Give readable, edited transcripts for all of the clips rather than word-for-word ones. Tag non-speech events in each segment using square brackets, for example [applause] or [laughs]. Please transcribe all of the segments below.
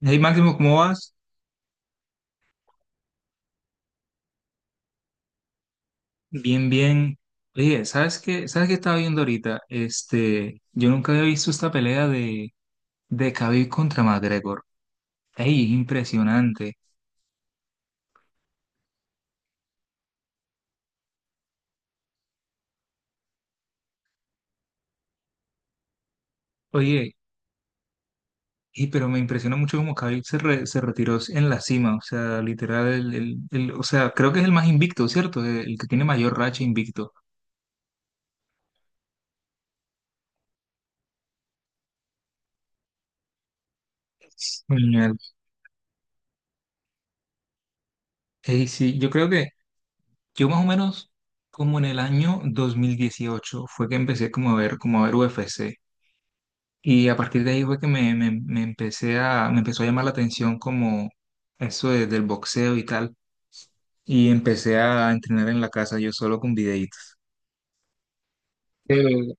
Hey Máximo, ¿cómo vas? Bien, bien. Oye, ¿sabes qué? ¿Sabes qué estaba viendo ahorita? Yo nunca había visto esta pelea de Khabib contra McGregor. Ey, es impresionante. Oye, y pero me impresiona mucho cómo Khabib se retiró en la cima. O sea, literal, o sea, creo que es el más invicto, ¿cierto? El que tiene mayor racha invicto. Genial. Ey, sí, yo creo que yo más o menos como en el año 2018 fue que empecé como a ver UFC. Y a partir de ahí fue que me empecé a, me empezó a llamar la atención como del boxeo y tal. Y empecé a entrenar en la casa yo solo con videitos. Eh,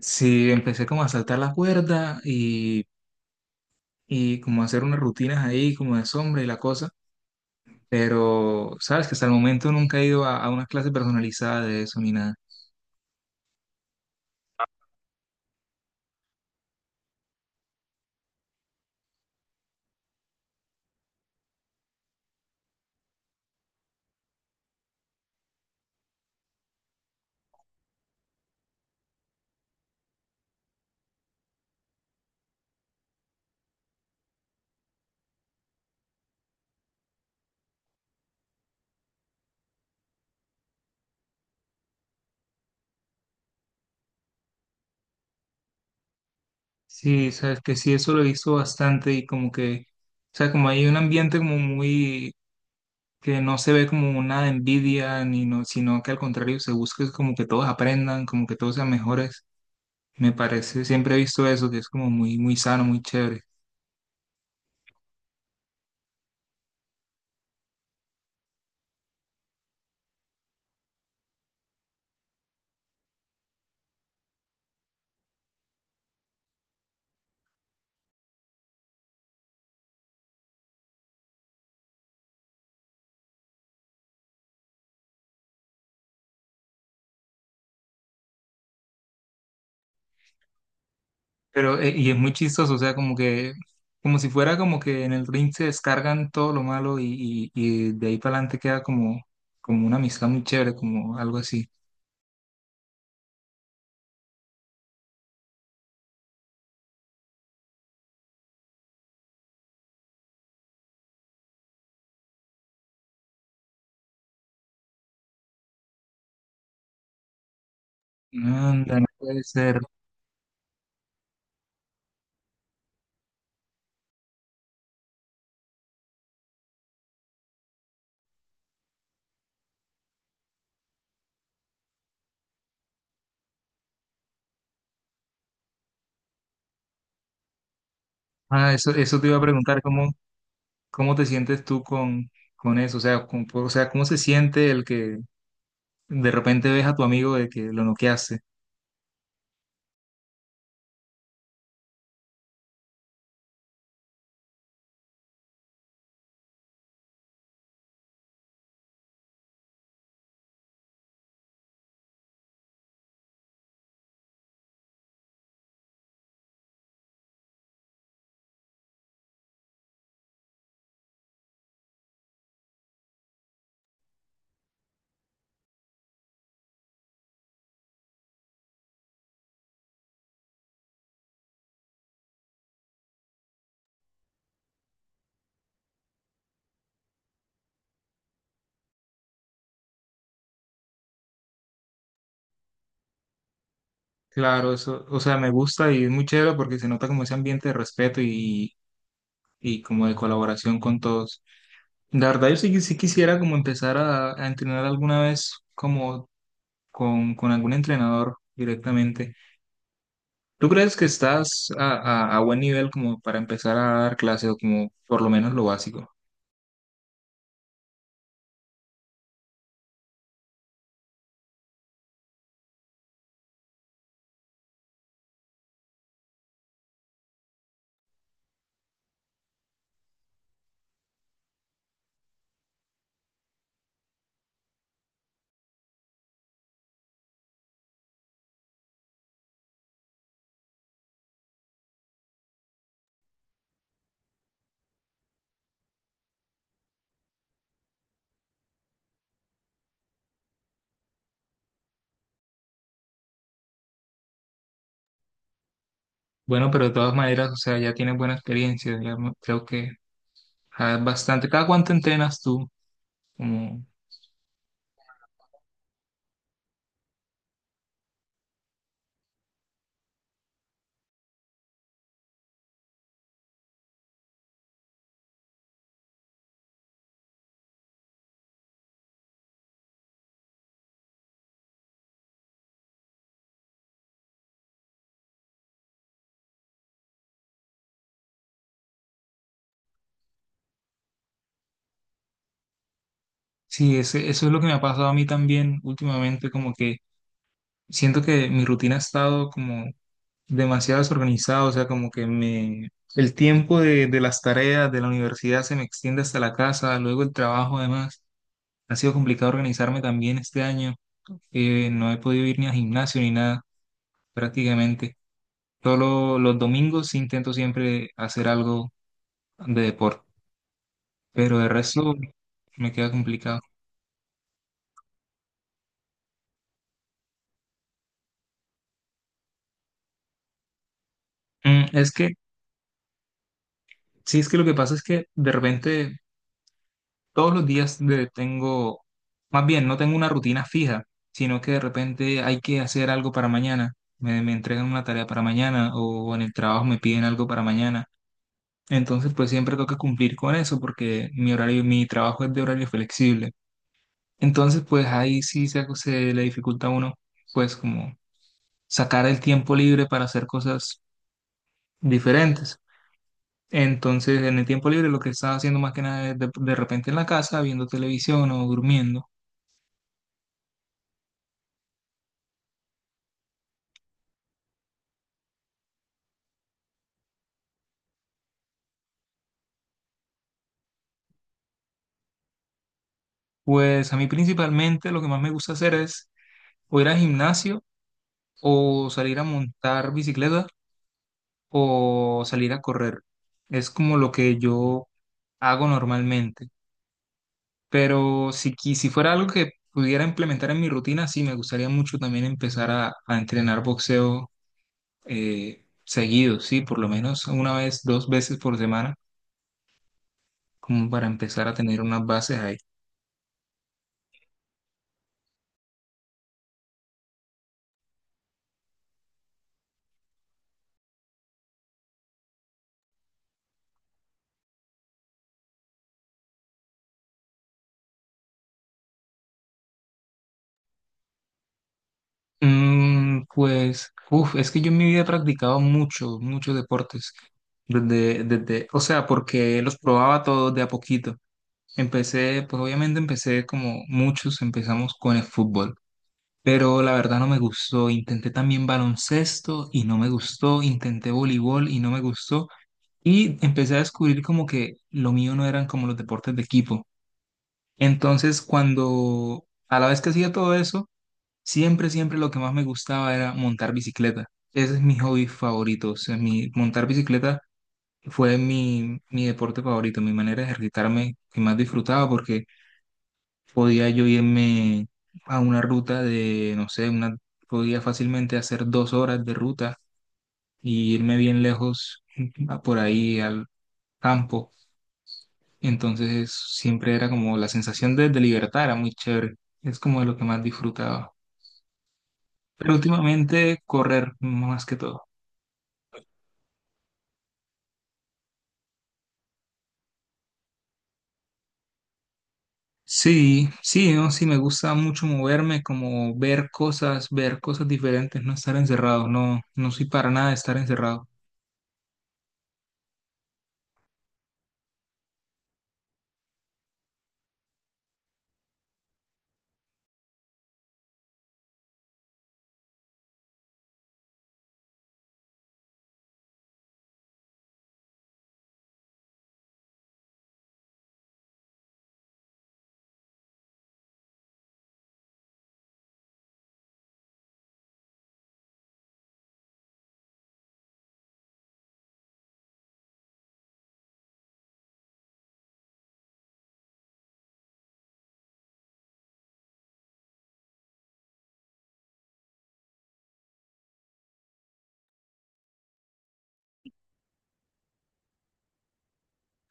sí, empecé como a saltar la cuerda y como a hacer unas rutinas ahí, como de sombra y la cosa. Pero, sabes que hasta el momento nunca he ido a una clase personalizada de eso ni nada. Sí, sabes que sí, eso lo he visto bastante y como que, o sea, como hay un ambiente como muy que no se ve como una envidia, ni no, sino que al contrario se busca es como que todos aprendan, como que todos sean mejores. Me parece, siempre he visto eso, que es como muy, muy sano, muy chévere. Pero, y es muy chistoso, o sea, como que, como si fuera como que en el ring se descargan todo lo malo y de ahí para adelante queda como, como una amistad muy chévere, como algo así. Anda, no puede ser. Ah, eso te iba a preguntar, ¿cómo, cómo te sientes tú con eso? O sea, o sea, ¿cómo se siente el que de repente ves a tu amigo de que lo noqueaste. Claro, eso, o sea, me gusta y es muy chévere porque se nota como ese ambiente de respeto y como de colaboración con todos. La verdad, yo sí, sí quisiera como empezar a entrenar alguna vez como con algún entrenador directamente. ¿Tú crees que estás a buen nivel como para empezar a dar clases o como por lo menos lo básico? Bueno, pero de todas maneras, o sea, ya tienes buena experiencia, creo que ah, bastante. ¿Cada cuánto entrenas tú? Como sí, eso es lo que me ha pasado a mí también últimamente, como que siento que mi rutina ha estado como demasiado desorganizada, o sea, como que me, el tiempo de las tareas de la universidad se me extiende hasta la casa, luego el trabajo además, ha sido complicado organizarme también este año, no he podido ir ni al gimnasio ni nada prácticamente, solo los domingos sí intento siempre hacer algo de deporte, pero de resto me queda complicado. Es que, sí, es que lo que pasa es que de repente todos los días tengo, más bien, no tengo una rutina fija, sino que de repente hay que hacer algo para mañana. Me entregan una tarea para mañana o en el trabajo me piden algo para mañana. Entonces, pues siempre tengo que cumplir con eso porque mi horario, mi trabajo es de horario flexible. Entonces, pues ahí sí se le dificulta a uno, pues como sacar el tiempo libre para hacer cosas diferentes. Entonces, en el tiempo libre lo que estaba haciendo más que nada es de repente en la casa, viendo televisión o durmiendo. Pues a mí principalmente lo que más me gusta hacer es o ir al gimnasio o salir a montar bicicleta o salir a correr. Es como lo que yo hago normalmente. Pero si, si fuera algo que pudiera implementar en mi rutina, sí, me gustaría mucho también empezar a entrenar boxeo seguido, sí, por lo menos una vez, dos veces por semana, como para empezar a tener unas bases ahí. Pues, uf, es que yo en mi vida he practicado mucho, muchos deportes. O sea, porque los probaba todos de a poquito. Empecé, pues obviamente empecé como muchos, empezamos con el fútbol. Pero la verdad no me gustó. Intenté también baloncesto y no me gustó. Intenté voleibol y no me gustó. Y empecé a descubrir como que lo mío no eran como los deportes de equipo. Entonces, cuando a la vez que hacía todo eso, siempre, siempre lo que más me gustaba era montar bicicleta. Ese es mi hobby favorito. O sea, mi, montar bicicleta fue mi, mi deporte favorito, mi manera de ejercitarme que más disfrutaba porque podía yo irme a una ruta de, no sé, una, podía fácilmente hacer 2 horas de ruta y irme bien lejos a por ahí al campo. Entonces siempre era como la sensación de libertad, era muy chévere. Es como de lo que más disfrutaba. Pero últimamente correr más que todo. Sí, sí, no, sí, me gusta mucho moverme, como ver cosas diferentes, no estar encerrado, no, no soy para nada de estar encerrado.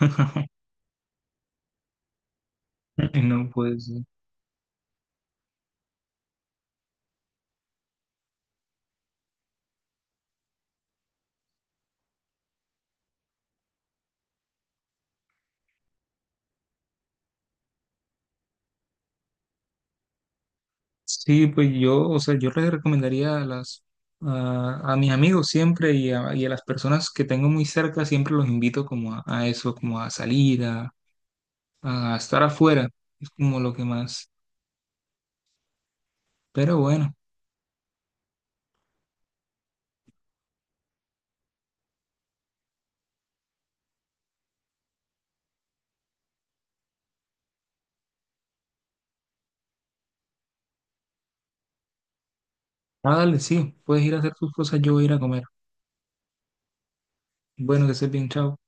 [laughs] No puede ser. Sí, pues yo, o sea, yo les recomendaría a las, a mis amigos siempre y a las personas que tengo muy cerca, siempre los invito como a eso, como a salir, a estar afuera, es como lo que más. Pero bueno, ah, dale, sí, puedes ir a hacer tus cosas, yo voy a ir a comer. Bueno, que estés bien, chao.